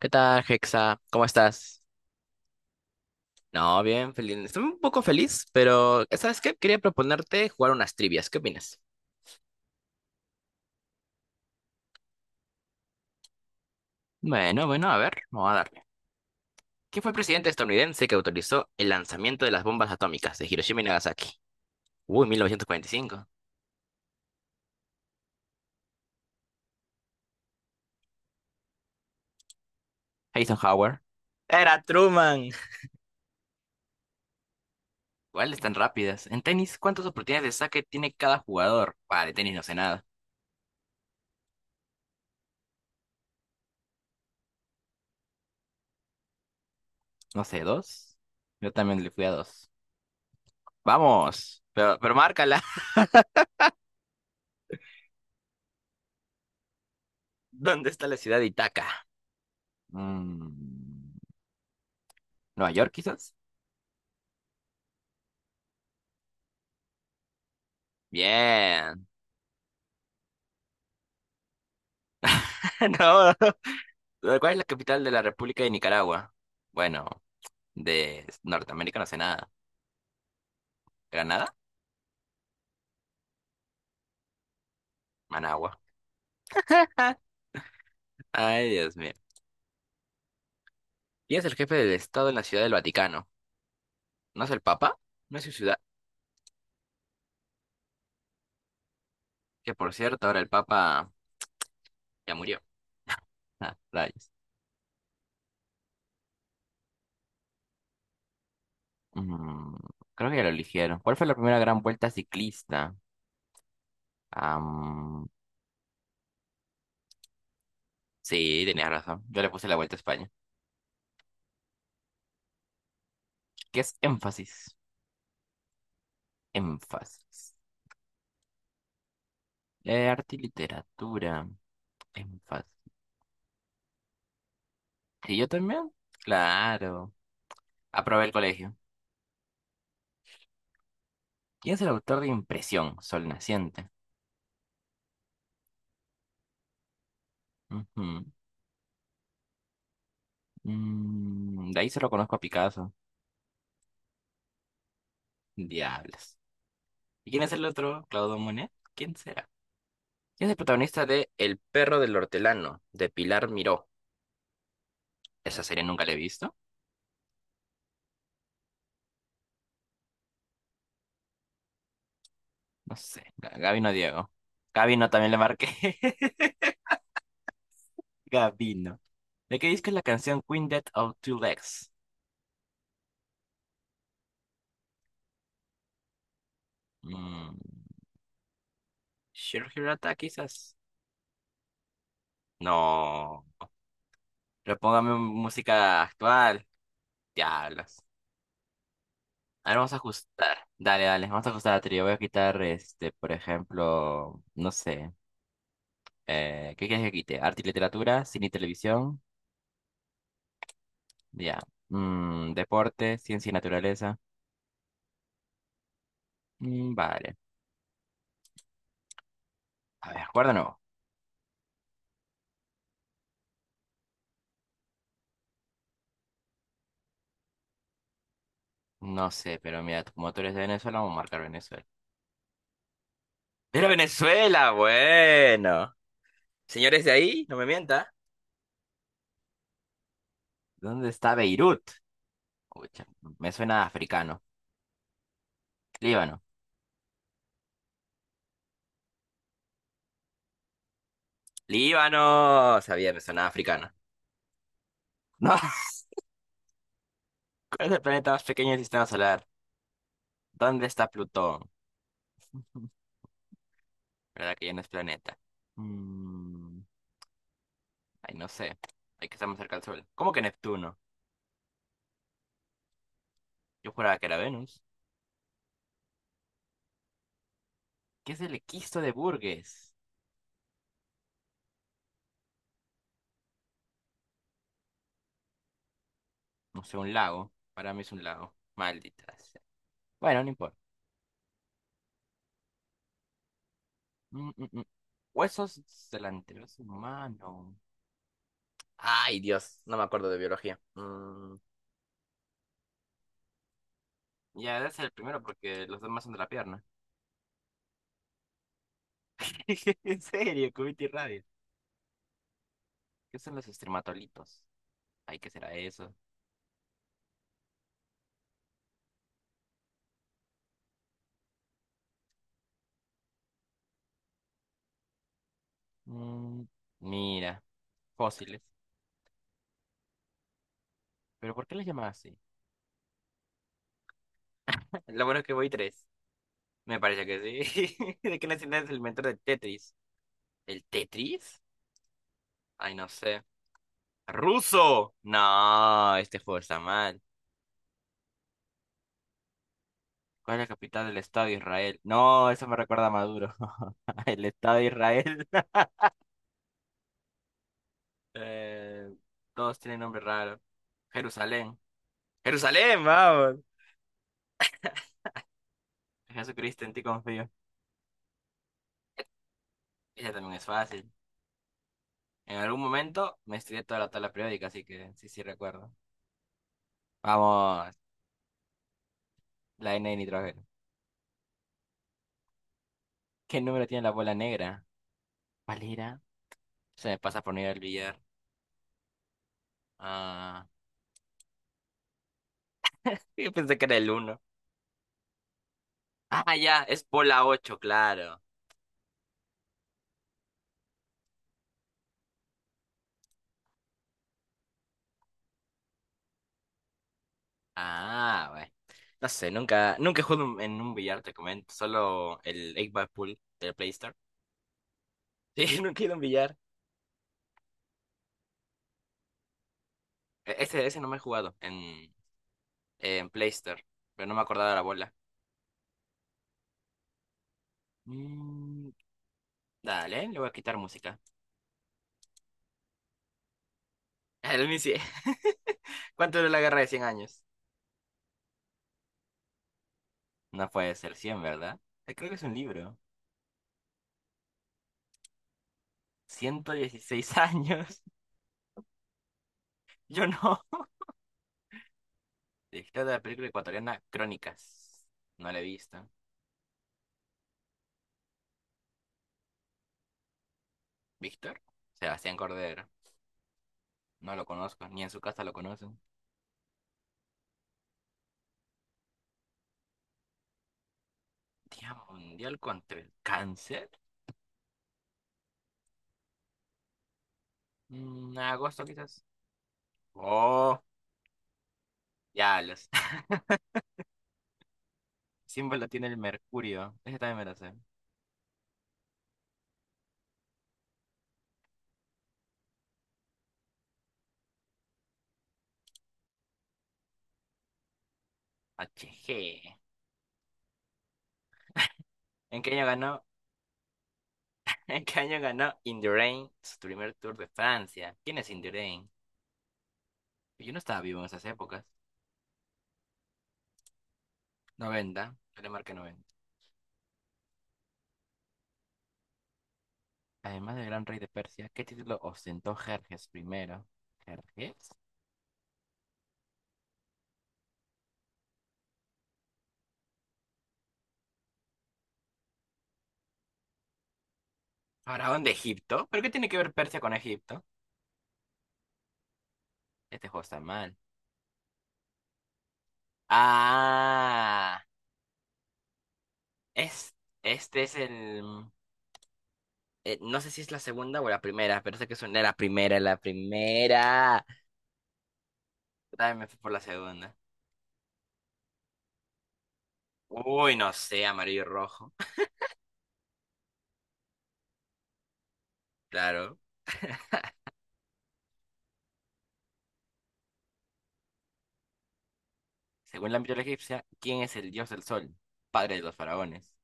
¿Qué tal, Hexa? ¿Cómo estás? No, bien, feliz. Estoy un poco feliz, pero ¿sabes qué? Quería proponerte jugar unas trivias. ¿Qué opinas? Bueno, bueno, a ver, vamos a darle. ¿Quién fue el presidente estadounidense que autorizó el lanzamiento de las bombas atómicas de Hiroshima y Nagasaki? Uy, 1945. Eisenhower. Era Truman. ¿Cuáles tan rápidas? En tenis, ¿cuántas oportunidades de saque tiene cada jugador? Vale, de tenis no sé nada. No sé, ¿dos? Yo también le fui a dos. Vamos, pero márcala. ¿Dónde está la ciudad de Itaca? Mm, ¿Nueva York, quizás? Bien. No, no. ¿Cuál es la capital de la República de Nicaragua? Bueno, de Norteamérica no sé nada. ¿Granada? Managua. Ay, Dios mío. ¿Quién es el jefe del Estado en la Ciudad del Vaticano? ¿No es el Papa? No es su ciudad. Que por cierto, ahora el Papa ya murió. Ah, rayos. Mm, creo que ya lo eligieron. ¿Cuál fue la primera gran vuelta ciclista? Am, sí, tenías razón. Yo le puse la vuelta a España. ¿Qué es énfasis? Énfasis. Arte y literatura. Es muy fácil. ¿Y yo también? Claro. Aprobé el colegio. ¿Quién es el autor de Impresión, Sol Naciente? Ujú. De ahí solo conozco a Picasso. Diablos. ¿Y quién es el otro? ¿Claudio Monet? ¿Quién será? ¿Quién es el protagonista de El perro del hortelano, de Pilar Miró? ¿Esa serie nunca la he visto? No sé. Gabino Diego. Gabino también le marqué. Gabino. ¿De qué disco es la canción Queen Dead of Two Legs? Mm. Shiro Hirata, quizás. No. Repóngame música actual. Diablos. A ver, vamos a ajustar. Dale, dale, vamos a ajustar la trío. Voy a quitar, por ejemplo, no sé. ¿Qué quieres que quite? Arte y literatura, cine y televisión. Ya. Deporte, ciencia y naturaleza. Mm, vale. A ver, acuerdo o no. No sé, pero mira, como tú eres de Venezuela, vamos a marcar Venezuela. ¡Pero Venezuela! Bueno. Señores de ahí, no me mienta. ¿Dónde está Beirut? Escucha, me suena africano. Líbano. Líbano. Sabía, me suena africano. No, ¿cuál es el planeta más pequeño del sistema solar? ¿Dónde está Plutón? ¿Verdad que ya no es planeta? Mm, ay, no sé. Hay que estar más cerca del Sol. ¿Cómo que Neptuno? Yo juraba que era Venus. ¿Qué es el equisto de Burgess? No sé, un lago. Para mí es un lago. Maldita sea. Bueno, no importa. Mm, mm, mm. Huesos del antebrazo humano. Ay, Dios, no me acuerdo de biología. Ya debe ser el primero porque los demás son de la pierna. En serio, Cubit y Radius. ¿Qué son los estrematolitos? Ay, ¿qué será eso? Mm, mira, fósiles. ¿Pero por qué les llamas así? Lo bueno es que voy tres. Me parece que sí. ¿De qué nacionalidad es el mentor del Tetris? ¿El Tetris? Ay, no sé. ¡Ruso! No, este juego está mal. ¿Cuál es la capital del Estado de Israel? No, eso me recuerda a Maduro. El Estado de Israel. Eh, todos tienen nombre raro. Jerusalén. Jerusalén, vamos. Jesucristo, en ti confío. Ese también es fácil. En algún momento me estudié toda la tabla periódica, así que sí, sí recuerdo. Vamos, la N de nitrógeno. ¿Qué número tiene la bola negra? ¿Cuál era? Se me pasa por no ir al billar. Ah, yo pensé que era el uno. Ah, ya, es bola 8, claro. Ah, bueno. No sé, nunca, nunca he jugado en un billar, te comento. Solo el 8 Ball Pool del Play Store. Sí, nunca he ido a un billar. Ese no me he jugado. En Play Store, pero no me acordaba de la bola. Mm, dale, le voy a quitar música. El Missy, ¿Cuánto duró la guerra de cien años? No puede ser cien, ¿verdad? Creo que es un libro. 116 años. Yo no. Director de la película ecuatoriana Crónicas. No la he visto. ¿Víctor? Sebastián Cordero. No lo conozco, ni en su casa lo conocen. Día Mundial contra el Cáncer. Agosto quizás. Oh, ya los símbolo tiene el mercurio. Ese también me lo sé. Hg. ¿En qué año ganó? ¿En qué año ganó In the Rain su primer Tour de Francia? ¿Quién es In the Rain? Yo no estaba vivo en esas épocas. 90. Yo le marqué 90. Además del gran rey de Persia, ¿qué título ostentó Jerjes primero? ¿Jerjes? ¿Faraón de Egipto? ¿Pero qué tiene que ver Persia con Egipto? Este juego está mal. Ah, es, este es el... no sé si es la segunda o la primera, pero sé que es la primera, la primera. También me fui por la segunda. Uy, no sé, amarillo y rojo. Claro. Según la mitología egipcia, ¿quién es el dios del sol? Padre de los faraones.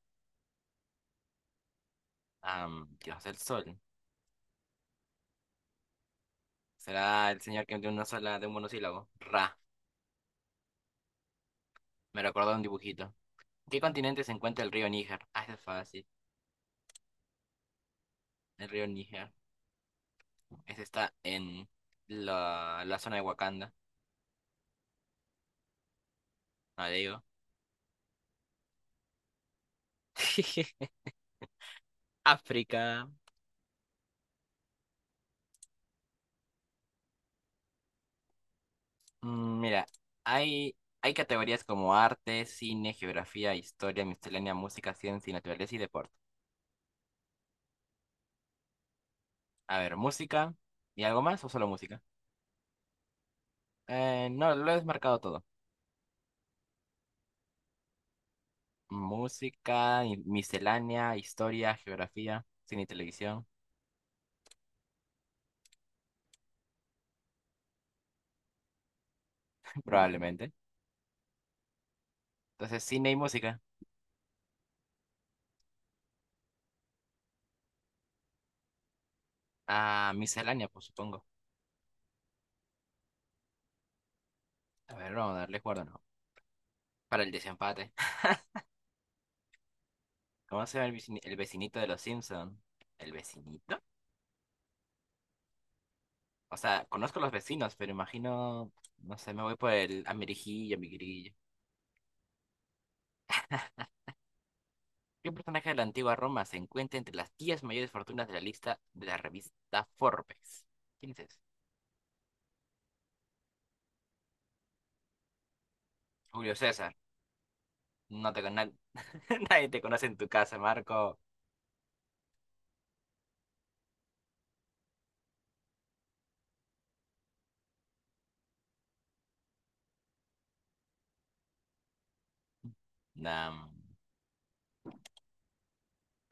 Dios del sol. ¿Será el señor que de una sola, de un monosílabo? Ra. Me recordó un dibujito. ¿En qué continente se encuentra el río Níger? Ah, ese es fácil. El río Níger. Ese está en la zona de Wakanda. No le digo. África. Mira, hay, hay categorías como arte, cine, geografía, historia, miscelánea, música, ciencia y naturaleza y deporte. A ver, música y algo más o solo música. No, lo he desmarcado todo. Música, miscelánea, historia, geografía, cine y televisión, probablemente. Entonces, cine y música. Ah, miscelánea, pues supongo. A ver, vamos a darle cuerda, ¿no? Para el desempate. ¿Cómo se llama el el vecinito de los Simpson? ¿El vecinito? O sea, conozco los vecinos, pero imagino, no sé, me voy por el amiguijillo, amiguirillo. ¿Qué personaje de la antigua Roma se encuentra entre las 10 mayores fortunas de la lista de la revista Forbes? ¿Quién es? ¿ese? Julio César. No te conoce, nadie te conoce en tu casa, Marco. Nam.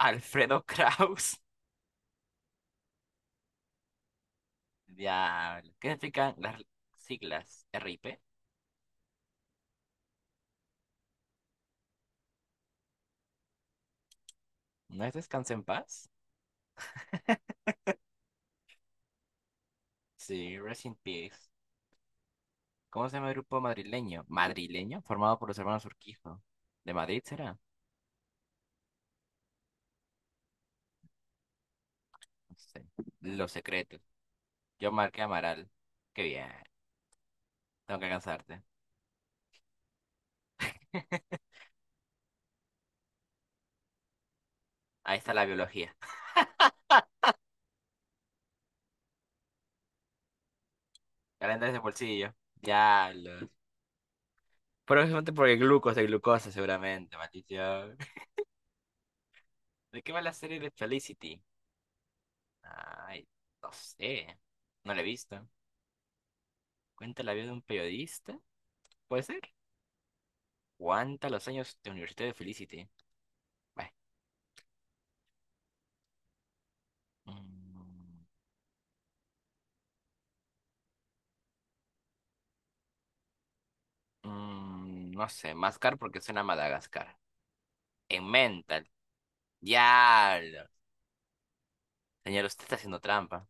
Alfredo Kraus. Diablo. ¿Qué significan las siglas RIP? ¿No es Descansa en paz? Sí, Rest in Peace. ¿Cómo se llama el grupo madrileño? ¿Madrileño? Formado por los hermanos Urquijo. ¿De Madrid será? No sé. Los secretos. Yo marqué Amaral. Qué bien. Tengo que alcanzarte. Ahí está la biología. Calentar ese bolsillo. Diablos. Probablemente porque el glucos de glucosa, seguramente, maldito. ¿De qué va la serie de Felicity? Ay, no sé. No la he visto. ¿Cuenta la vida de un periodista? ¿Puede ser? ¿Cuánta los años de Universidad de Felicity? Bueno, mm, no sé. Máscar porque suena a Madagascar. En Mental. Diablo. Señor, usted está haciendo trampa.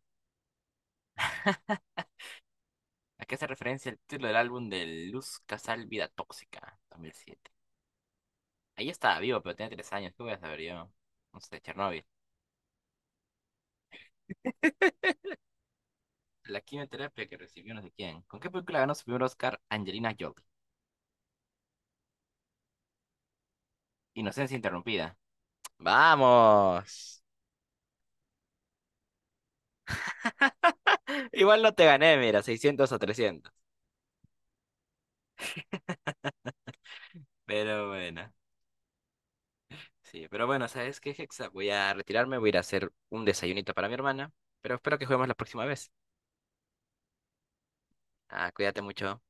¿A qué hace referencia el título del álbum de Luz Casal Vida Tóxica, 2007? Ahí estaba vivo, pero tenía 3 años. ¿Qué voy a saber yo? No sé, Chernóbil. La quimioterapia que recibió no sé quién. ¿Con qué película ganó su primer Oscar Angelina Jolie? Inocencia interrumpida. Vamos. Igual no te gané, mira, 600 o 300. Pero bueno. Sí, pero bueno, ¿sabes qué, Hexa? Voy a retirarme, voy a ir a hacer un desayunito para mi hermana, pero espero que juguemos la próxima vez. Ah, cuídate mucho.